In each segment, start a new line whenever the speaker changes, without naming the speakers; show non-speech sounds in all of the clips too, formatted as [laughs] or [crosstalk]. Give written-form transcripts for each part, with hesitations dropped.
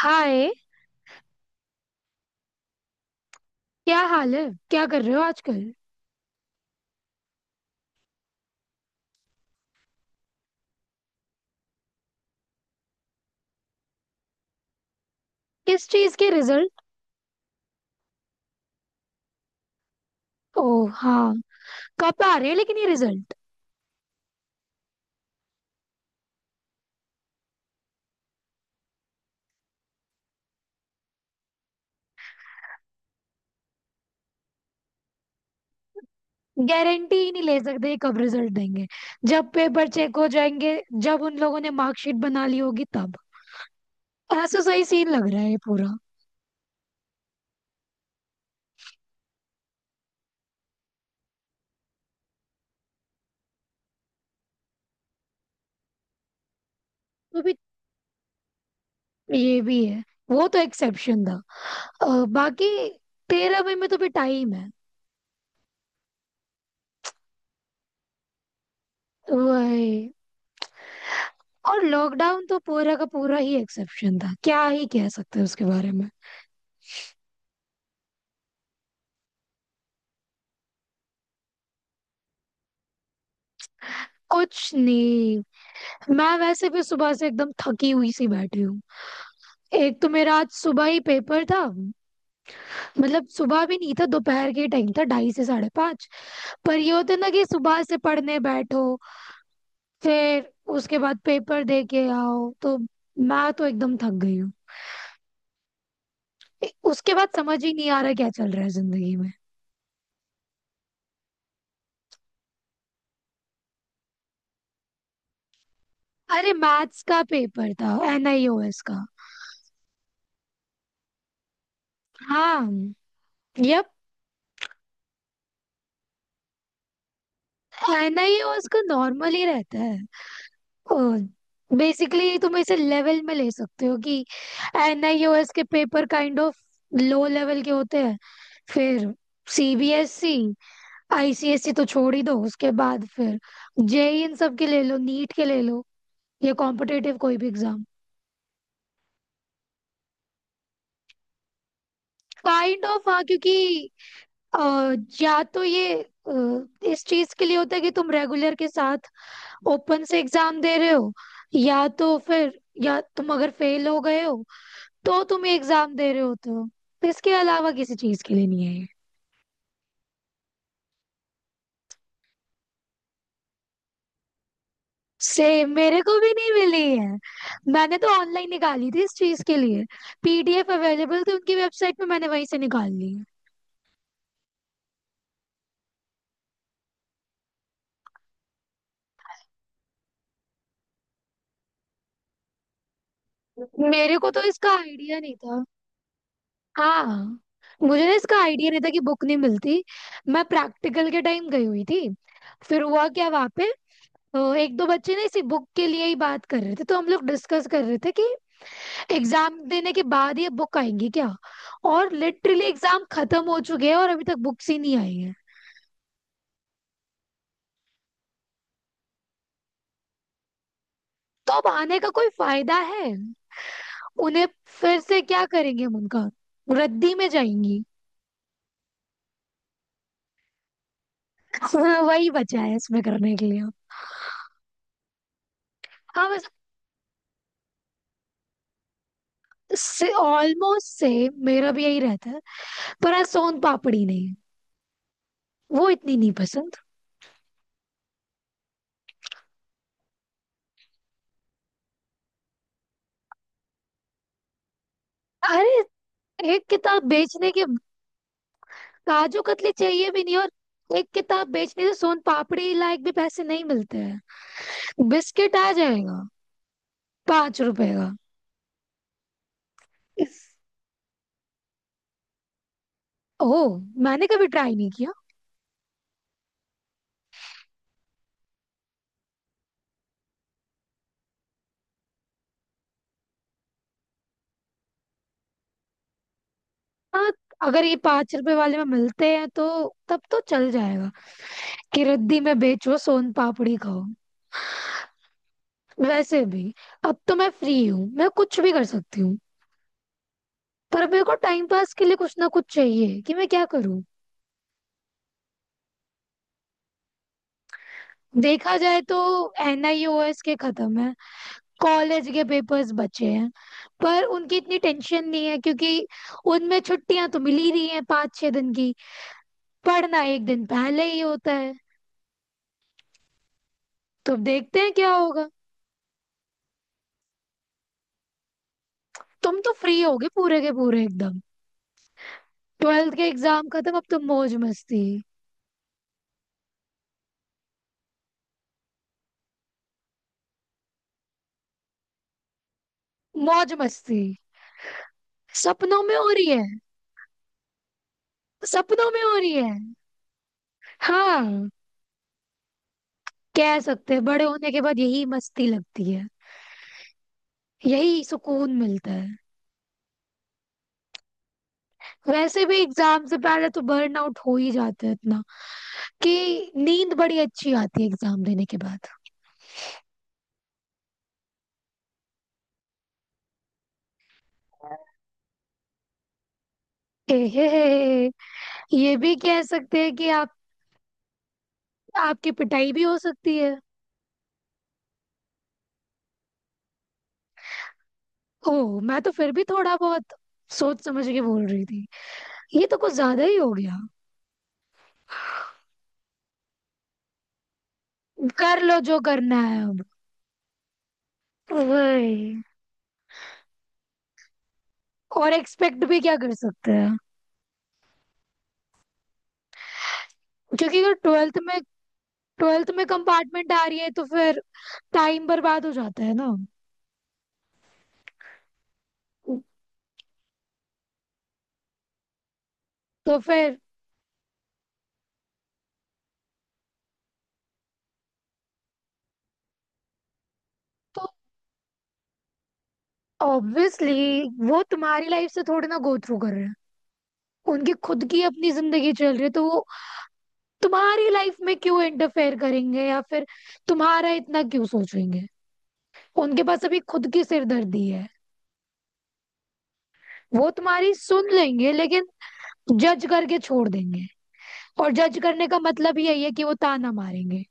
हाय। क्या हाल है? क्या कर रहे हो आजकल? किस चीज के रिजल्ट? ओह हाँ। कब आ रहे हैं लेकिन ये रिजल्ट? गारंटी ही नहीं ले सकते कब रिजल्ट देंगे। जब पेपर चेक हो जाएंगे, जब उन लोगों ने मार्कशीट बना ली होगी तब। ऐसा सही सीन लग रहा है ये पूरा। तो भी। ये भी है। वो तो एक्सेप्शन था। बाकी 13 मई में तो भी टाइम है। वही। और लॉकडाउन तो पूरा का पूरा ही एक्सेप्शन था, क्या ही कह सकते हैं उसके बारे में। कुछ नहीं। मैं वैसे भी सुबह से एकदम थकी हुई सी बैठी हूँ। एक तो मेरा आज सुबह ही पेपर था। मतलब सुबह भी नहीं था, दोपहर के टाइम था, 2:30 से 5:30। पर ये होता है ना कि सुबह से पढ़ने बैठो, फिर उसके बाद पेपर दे के आओ तो मैं तो एकदम थक गई हूँ। उसके बाद समझ ही नहीं आ रहा क्या चल रहा है जिंदगी में। अरे मैथ्स का पेपर था एनआईओएस का। हाँ। यप। एनआईओएस का नॉर्मल ही रहता है। बेसिकली तुम इसे लेवल में ले सकते हो कि एनआईओएस के paper kind of low level के होते हैं। फिर सीबीएसई, आईसीएसई तो छोड़ ही दो, उसके बाद फिर जेई इन सब के ले लो, नीट के ले लो, या कॉम्पिटेटिव कोई भी एग्जाम। काइंड ऑफ हाँ, क्योंकि अ, या तो ये इस चीज के लिए होता है कि तुम रेगुलर के साथ ओपन से एग्जाम दे रहे हो, या तो फिर या तुम अगर फेल हो गए हो तो तुम ये एग्जाम दे रहे होते हो। तो इसके अलावा किसी चीज के लिए नहीं है ये। सेम, मेरे को भी नहीं मिली है। मैंने तो ऑनलाइन निकाली थी इस चीज के लिए, पीडीएफ अवेलेबल थी उनकी वेबसाइट पे, मैंने वहीं से निकाल ली है। मेरे को तो इसका आइडिया नहीं था। हाँ, मुझे ना इसका आइडिया नहीं था कि बुक नहीं मिलती। मैं प्रैक्टिकल के टाइम गई हुई थी, फिर हुआ क्या वहां पे, एक दो बच्चे ना इसी बुक के लिए ही बात कर रहे थे, तो हम लोग डिस्कस कर रहे थे कि एग्जाम देने के बाद ये बुक आएंगी क्या। और लिटरली एग्जाम खत्म हो चुके हैं और अभी तक बुक्स ही नहीं आई हैं। तो अब आने का कोई फायदा है उन्हें? फिर से क्या करेंगे हम उनका? रद्दी में जाएंगी। [laughs] वही बचा है इसमें करने के लिए। हाँ बस, से ऑलमोस्ट से मेरा भी यही रहता है। पर आज सोन पापड़ी नहीं, वो इतनी नहीं पसंद। अरे एक किताब बेचने के, काजू कतली चाहिए भी नहीं, और एक किताब बेचने से सोन पापड़ी लायक भी पैसे नहीं मिलते हैं। बिस्किट आ जाएगा 5 रुपए का। इस ओ, मैंने कभी ट्राई नहीं किया। हाँ अगर ये 5 रुपए वाले में मिलते हैं तो तब तो चल जाएगा कि रद्दी में बेचो सोन पापड़ी खाओ। वैसे भी अब तो मैं फ्री हूँ, मैं कुछ भी कर सकती हूँ। पर मेरे को टाइम पास के लिए कुछ ना कुछ चाहिए कि मैं क्या करूँ। देखा जाए तो एनआईओएस के खत्म है, कॉलेज के पेपर्स बचे हैं, पर उनकी इतनी टेंशन नहीं है क्योंकि उनमें छुट्टियां तो मिल ही रही हैं 5-6 दिन की। पढ़ना एक दिन पहले ही होता है। तो अब देखते हैं क्या होगा। तुम तो फ्री होगे पूरे के पूरे एकदम। ट्वेल्थ के एग्जाम खत्म, अब तो मौज मस्ती। मौज मस्ती सपनों में हो रही है। सपनों में हो रही है। हाँ, कह सकते हैं बड़े होने के बाद यही मस्ती लगती है, यही सुकून मिलता है। वैसे भी एग्जाम से पहले तो आउट हो ही जाता है इतना कि नींद बड़ी अच्छी आती है एग्जाम देने के बाद। एहे, ये भी कह सकते हैं कि आप, आपकी पिटाई भी हो सकती है। ओह मैं तो फिर भी थोड़ा बहुत सोच समझ के बोल रही थी, ये तो कुछ ज्यादा ही हो गया। कर लो जो करना है अब। वही। और एक्सपेक्ट भी क्या कर सकते हैं? क्योंकि अगर ट्वेल्थ में कंपार्टमेंट आ रही है तो फिर टाइम बर्बाद हो जाता है ना? तो फिर तो ऑब्वियसली वो तुम्हारी लाइफ से थोड़ी ना गो थ्रू कर रहे हैं। उनकी खुद की अपनी जिंदगी चल रही है, तो वो तुम्हारी लाइफ में क्यों इंटरफेयर करेंगे, या फिर तुम्हारा इतना क्यों सोचेंगे? उनके पास अभी खुद की सिरदर्दी है। वो तुम्हारी सुन लेंगे लेकिन जज करके छोड़ देंगे। और जज करने का मतलब यही है कि वो ताना मारेंगे।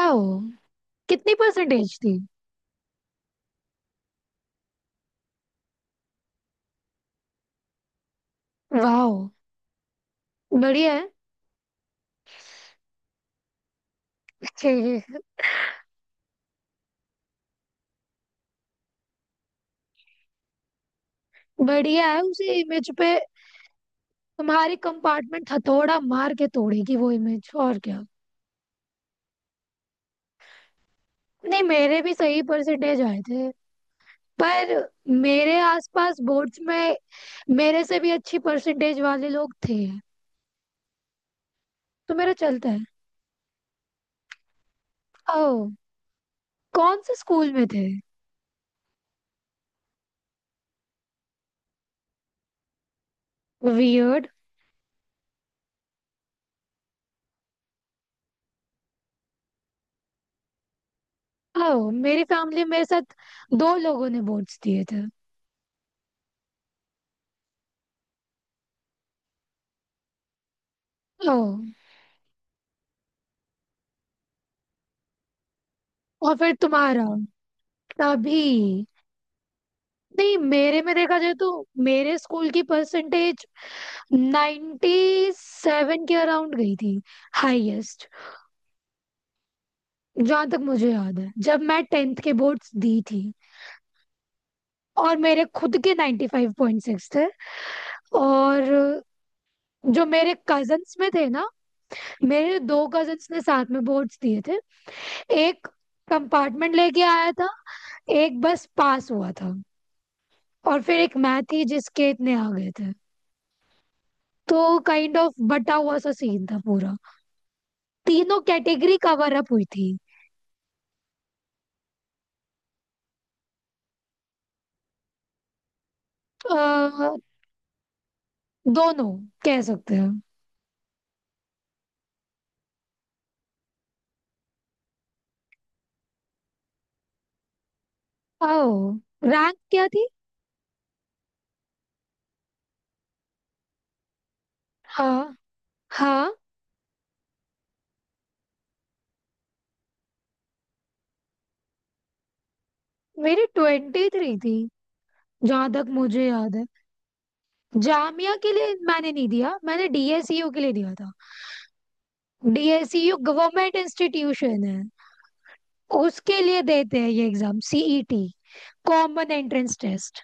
आओ, कितनी परसेंटेज थी? वाह, बढ़िया है। [laughs] बढ़िया है उसी इमेज पे। तुम्हारी कंपार्टमेंट हथौड़ा मार के तोड़ेगी वो इमेज, और क्या। नहीं, मेरे भी सही परसेंटेज आए थे, पर मेरे आसपास बोर्ड्स में मेरे से भी अच्छी परसेंटेज वाले लोग थे। तो मेरा चलता है। ओह, कौन से स्कूल में थे? वियर्ड। ओह, मेरी फैमिली, मेरे साथ दो लोगों ने बोर्ड्स दिए थे। ओह, और फिर तुम्हारा, तभी। नहीं, मेरे में देखा जाए तो मेरे स्कूल की परसेंटेज 97 के अराउंड गई थी, हाईएस्ट, जहां तक मुझे याद है, जब मैं टेंथ के बोर्ड्स दी थी। और मेरे खुद के 95.6 थे। और जो मेरे कजन्स में थे ना, मेरे दो कजन्स ने साथ में बोर्ड्स दिए थे। एक कंपार्टमेंट लेके आया था, एक बस पास हुआ था, और फिर एक मैं थी जिसके इतने आ गए थे। तो काइंड ऑफ बटा हुआ सा सीन था पूरा, तीनों कैटेगरी कवर अप हुई थी। अ, दोनों कह सकते हैं। ओ, रैंक क्या थी? हाँ हाँ, मेरी 23 थी जहां तक मुझे याद है। जामिया के लिए मैंने नहीं दिया, मैंने डीएसयू के लिए दिया था। डीएसयू गवर्नमेंट इंस्टीट्यूशन है। उसके लिए देते हैं ये exam, CET, common entrance test.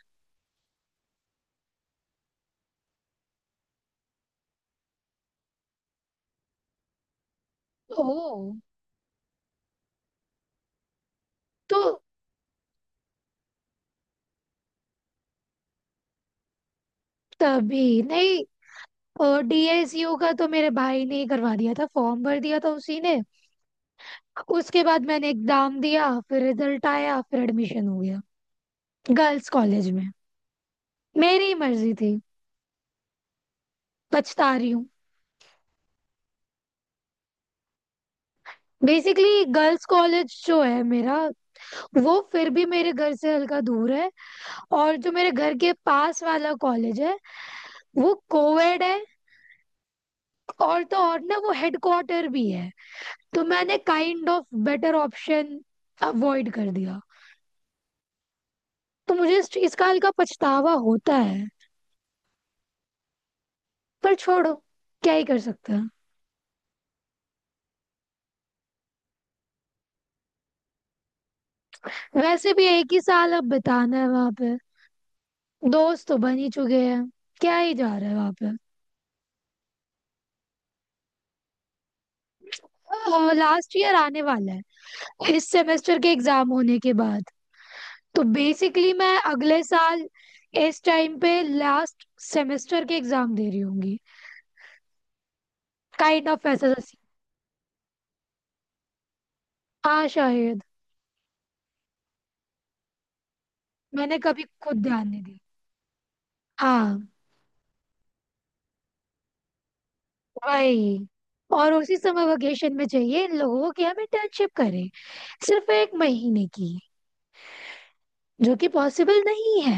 Oh. तो तभी नहीं, डीएसयू का तो मेरे भाई ने ही करवा दिया था, फॉर्म भर दिया था उसी ने। उसके बाद मैंने एग्जाम दिया, फिर रिजल्ट आया, फिर एडमिशन हो गया गर्ल्स कॉलेज में। मेरी मर्जी थी। पछता रही हूँ। बेसिकली गर्ल्स कॉलेज जो है मेरा, वो फिर भी मेरे घर से हल्का दूर है। और जो मेरे घर के पास वाला कॉलेज है वो कोएड है, और तो और ना वो हेडक्वार्टर भी है। तो मैंने kind of better option avoid कर दिया, तो मुझे इस चीज का हल्का पछतावा होता है। पर छोड़ो, क्या ही कर सकते हैं। वैसे भी एक ही साल अब बिताना है वहां पे, दोस्त तो बन ही चुके हैं, क्या ही जा रहा है वहां पे। लास्ट ईयर आने वाला है इस सेमेस्टर के एग्जाम होने के बाद। तो बेसिकली मैं अगले साल इस टाइम पे लास्ट सेमेस्टर के एग्जाम दे रही होंगी। काइंड ऑफ ऐसा सा scene। हाँ शायद। मैंने कभी खुद ध्यान नहीं दिया। हाँ। वही, और उसी समय वेकेशन में चाहिए इन लोगों की हम इंटर्नशिप करें, सिर्फ एक महीने की, जो कि पॉसिबल नहीं है।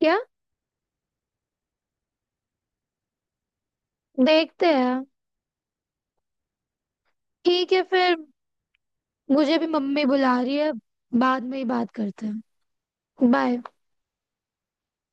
क्या? देखते हैं। ठीक है फिर। मुझे भी मम्मी बुला रही है, बाद में ही बात करते हैं। बाय।